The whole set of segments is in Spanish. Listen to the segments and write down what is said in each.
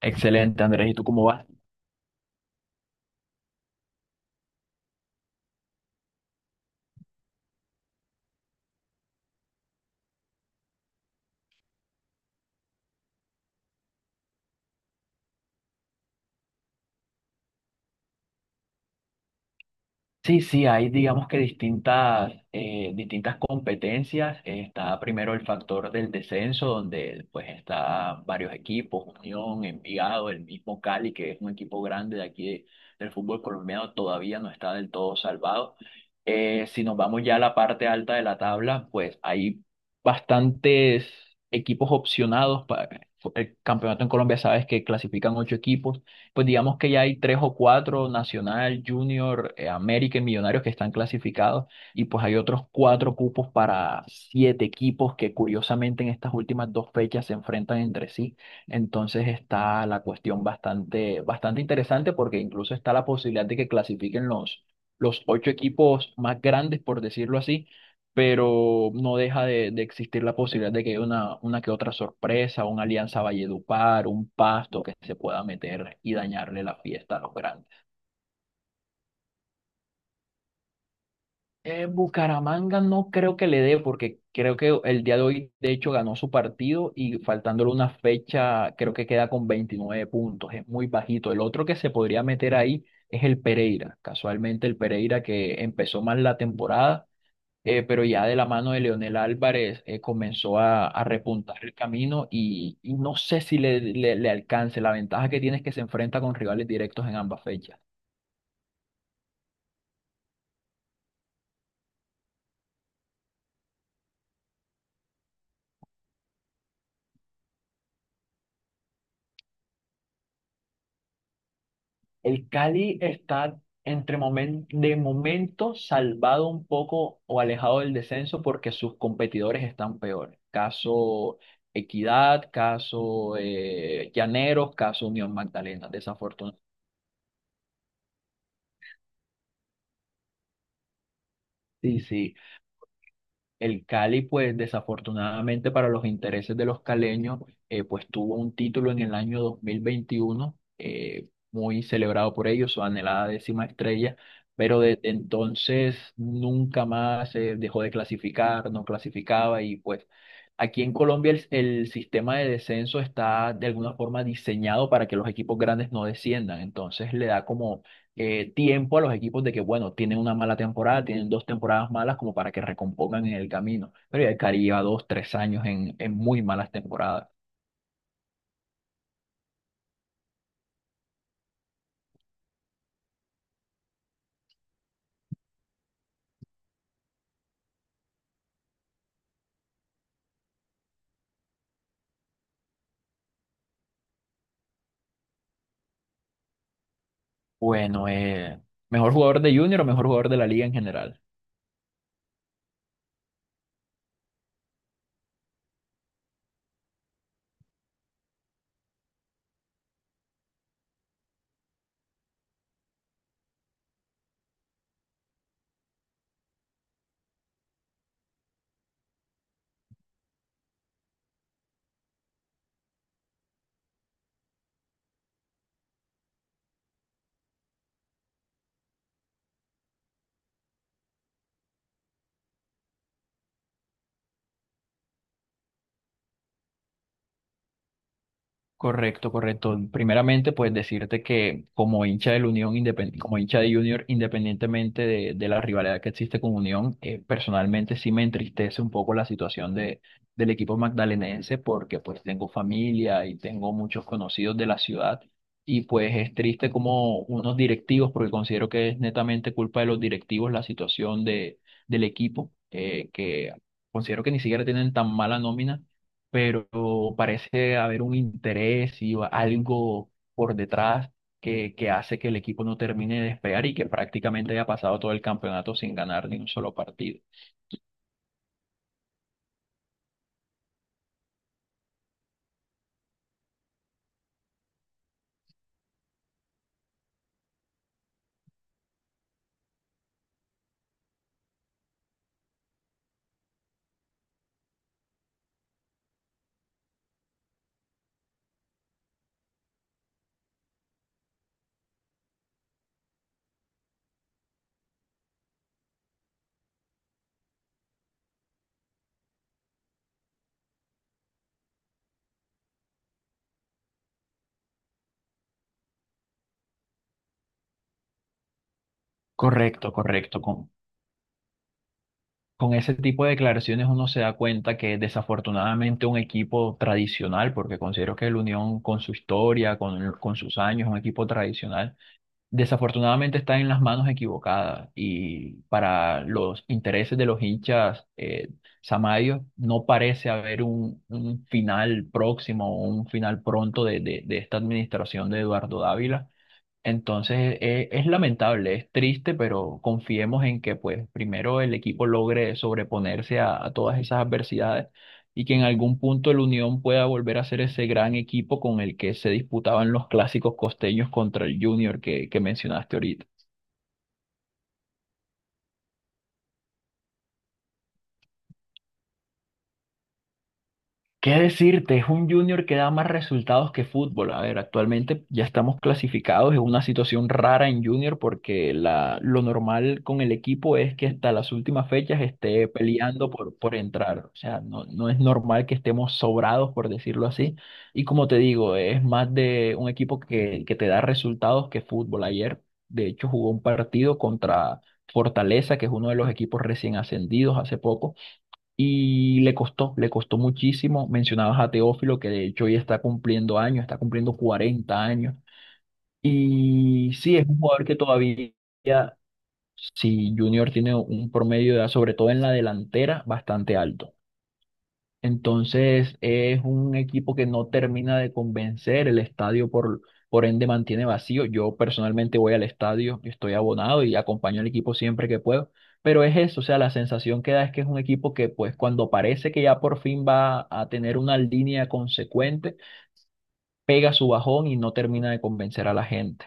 Excelente, Andrés. ¿Y tú cómo vas? Sí, sí, hay digamos que distintas, distintas competencias. Está primero el factor del descenso, donde pues está varios equipos, Unión, Envigado, el mismo Cali, que es un equipo grande del fútbol colombiano, todavía no está del todo salvado. Si nos vamos ya a la parte alta de la tabla, pues hay bastantes equipos opcionados para el campeonato en Colombia. Sabes que clasifican 8 equipos. Pues digamos que ya hay tres o cuatro, Nacional, Junior, América y Millonarios que están clasificados, y pues hay otros cuatro cupos para siete equipos que curiosamente en estas últimas dos fechas se enfrentan entre sí. Entonces está la cuestión bastante, bastante interesante porque incluso está la posibilidad de que clasifiquen los 8 equipos más grandes, por decirlo así, pero no deja de existir la posibilidad de que haya una que otra sorpresa, una alianza Valledupar, un Pasto que se pueda meter y dañarle la fiesta a los grandes. Bucaramanga no creo que le dé, porque creo que el día de hoy, de hecho, ganó su partido y faltándole una fecha, creo que queda con 29 puntos, es muy bajito. El otro que se podría meter ahí es el Pereira, casualmente el Pereira que empezó mal la temporada, pero ya de la mano de Leonel Álvarez comenzó a repuntar el camino y no sé si le, le- le alcance. La ventaja que tiene es que se enfrenta con rivales directos en ambas fechas. El Cali está de momento salvado un poco o alejado del descenso porque sus competidores están peores. Caso Equidad, caso Llaneros, caso Unión Magdalena, desafortunadamente. Sí, sí. El Cali, pues desafortunadamente para los intereses de los caleños, pues tuvo un título en el año 2021, muy celebrado por ellos, su anhelada décima estrella, pero desde entonces nunca más dejó de clasificar, no clasificaba, y pues aquí en Colombia el sistema de descenso está de alguna forma diseñado para que los equipos grandes no desciendan, entonces le da como tiempo a los equipos de que, bueno, tienen una mala temporada, tienen dos temporadas malas como para que recompongan en el camino. Pero ya el Cari lleva dos, tres años en muy malas temporadas. Bueno, mejor jugador de Junior o mejor jugador de la liga en general. Correcto, correcto. Primeramente, pues decirte que como hincha de Junior, independientemente de la rivalidad que existe con Unión, personalmente sí me entristece un poco la situación del equipo magdalenense porque pues tengo familia y tengo muchos conocidos de la ciudad, y pues es triste como unos directivos, porque considero que es netamente culpa de los directivos la situación del equipo, que considero que ni siquiera tienen tan mala nómina, pero parece haber un interés y algo por detrás que hace que el equipo no termine de despegar y que prácticamente haya pasado todo el campeonato sin ganar ni un solo partido. Correcto, correcto. Con ese tipo de declaraciones uno se da cuenta que desafortunadamente un equipo tradicional, porque considero que el Unión con su historia, con sus años, un equipo tradicional desafortunadamente está en las manos equivocadas, y para los intereses de los hinchas samarios no parece haber un final próximo o un final pronto de esta administración de Eduardo Dávila. Entonces es lamentable, es triste, pero confiemos en que pues primero el equipo logre sobreponerse a todas esas adversidades, y que en algún punto el Unión pueda volver a ser ese gran equipo con el que se disputaban los clásicos costeños contra el Junior que mencionaste ahorita. ¿Qué decirte? Es un Junior que da más resultados que fútbol. A ver, actualmente ya estamos clasificados. Es una situación rara en Junior porque lo normal con el equipo es que hasta las últimas fechas esté peleando por entrar. O sea, no, no es normal que estemos sobrados, por decirlo así. Y como te digo, es más de un equipo que te da resultados que fútbol. Ayer, de hecho, jugó un partido contra Fortaleza, que es uno de los equipos recién ascendidos hace poco, y le costó muchísimo. Mencionabas a Teófilo, que de hecho ya está cumpliendo años, está cumpliendo 40 años. Y sí, es un jugador que todavía, si Junior tiene un promedio de edad, sobre todo en la delantera, bastante alto. Entonces es un equipo que no termina de convencer, el estadio por ende mantiene vacío. Yo personalmente voy al estadio, estoy abonado y acompaño al equipo siempre que puedo, pero es eso, o sea, la sensación que da es que es un equipo que pues cuando parece que ya por fin va a tener una línea consecuente, pega su bajón y no termina de convencer a la gente.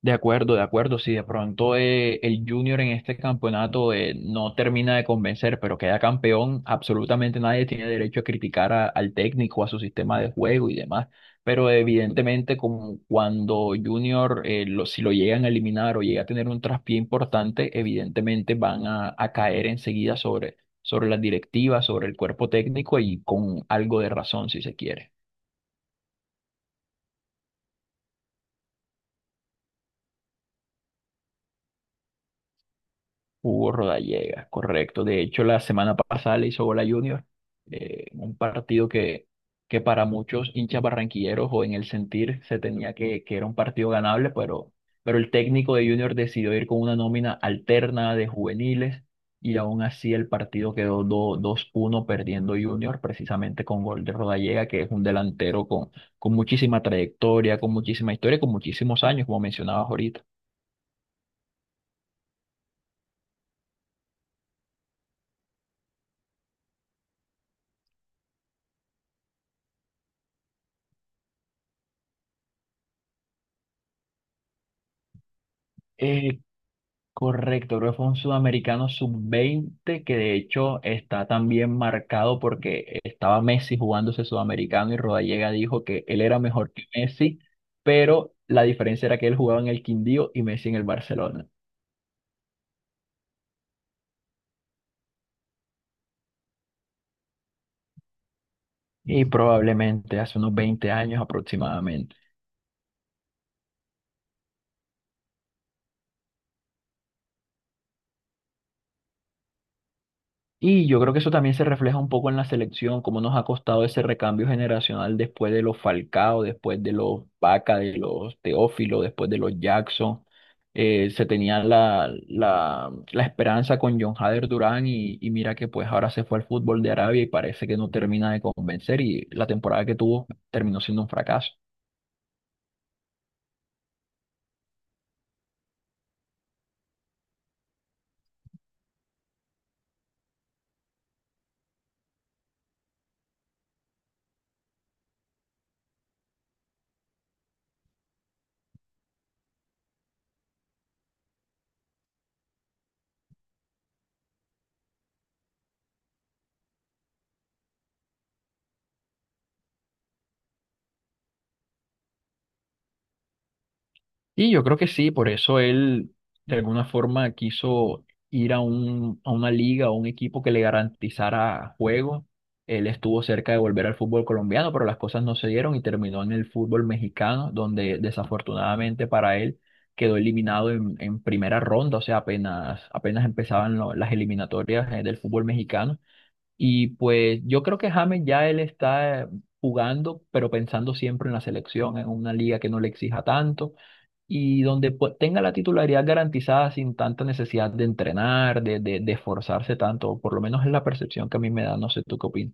De acuerdo, de acuerdo. Si de pronto el Junior en este campeonato no termina de convencer, pero queda campeón, absolutamente nadie tiene derecho a criticar al técnico, a su sistema de juego y demás. Pero evidentemente, como cuando Junior, si lo llegan a eliminar o llega a tener un traspié importante, evidentemente van a caer enseguida sobre las directivas, sobre el cuerpo técnico, y con algo de razón, si se quiere. Hugo Rodallega, correcto. De hecho, la semana pasada le hizo gol a Junior, un partido que para muchos hinchas barranquilleros o en el sentir se tenía que era un partido ganable, pero el técnico de Junior decidió ir con una nómina alterna de juveniles, y aún así el partido quedó dos uno, perdiendo Junior, precisamente con gol de Rodallega, que es un delantero con muchísima trayectoria, con muchísima historia, con muchísimos años, como mencionabas ahorita. Eh, Correcto, creo que fue un sudamericano sub-20 que de hecho está también marcado porque estaba Messi jugando ese sudamericano y Rodallega dijo que él era mejor que Messi, pero la diferencia era que él jugaba en el Quindío y Messi en el Barcelona. Y probablemente hace unos 20 años aproximadamente. Y yo creo que eso también se refleja un poco en la selección, cómo nos ha costado ese recambio generacional después de los Falcao, después de los Vaca, de los Teófilo, después de los Jackson. Se tenía la esperanza con John Hader Durán, y mira que pues ahora se fue al fútbol de Arabia y parece que no termina de convencer, y la temporada que tuvo terminó siendo un fracaso. Y yo creo que sí, por eso él de alguna forma quiso ir a a una liga o un equipo que le garantizara juego. Él estuvo cerca de volver al fútbol colombiano, pero las cosas no se dieron y terminó en el fútbol mexicano, donde desafortunadamente para él quedó eliminado en primera ronda, o sea, apenas, apenas empezaban las eliminatorias del fútbol mexicano. Y pues yo creo que James ya él está jugando, pero pensando siempre en la selección, en una liga que no le exija tanto y donde pues tenga la titularidad garantizada sin tanta necesidad de entrenar, de esforzarse tanto, por lo menos es la percepción que a mí me da, no sé tú qué opinas.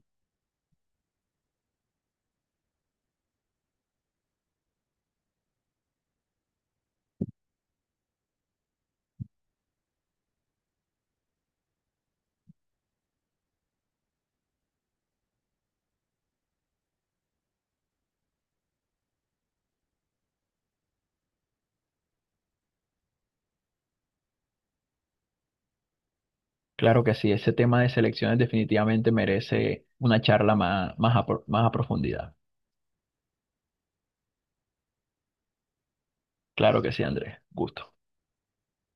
Claro que sí, ese tema de selecciones definitivamente merece una charla más, más a profundidad. Claro que sí, Andrés, gusto.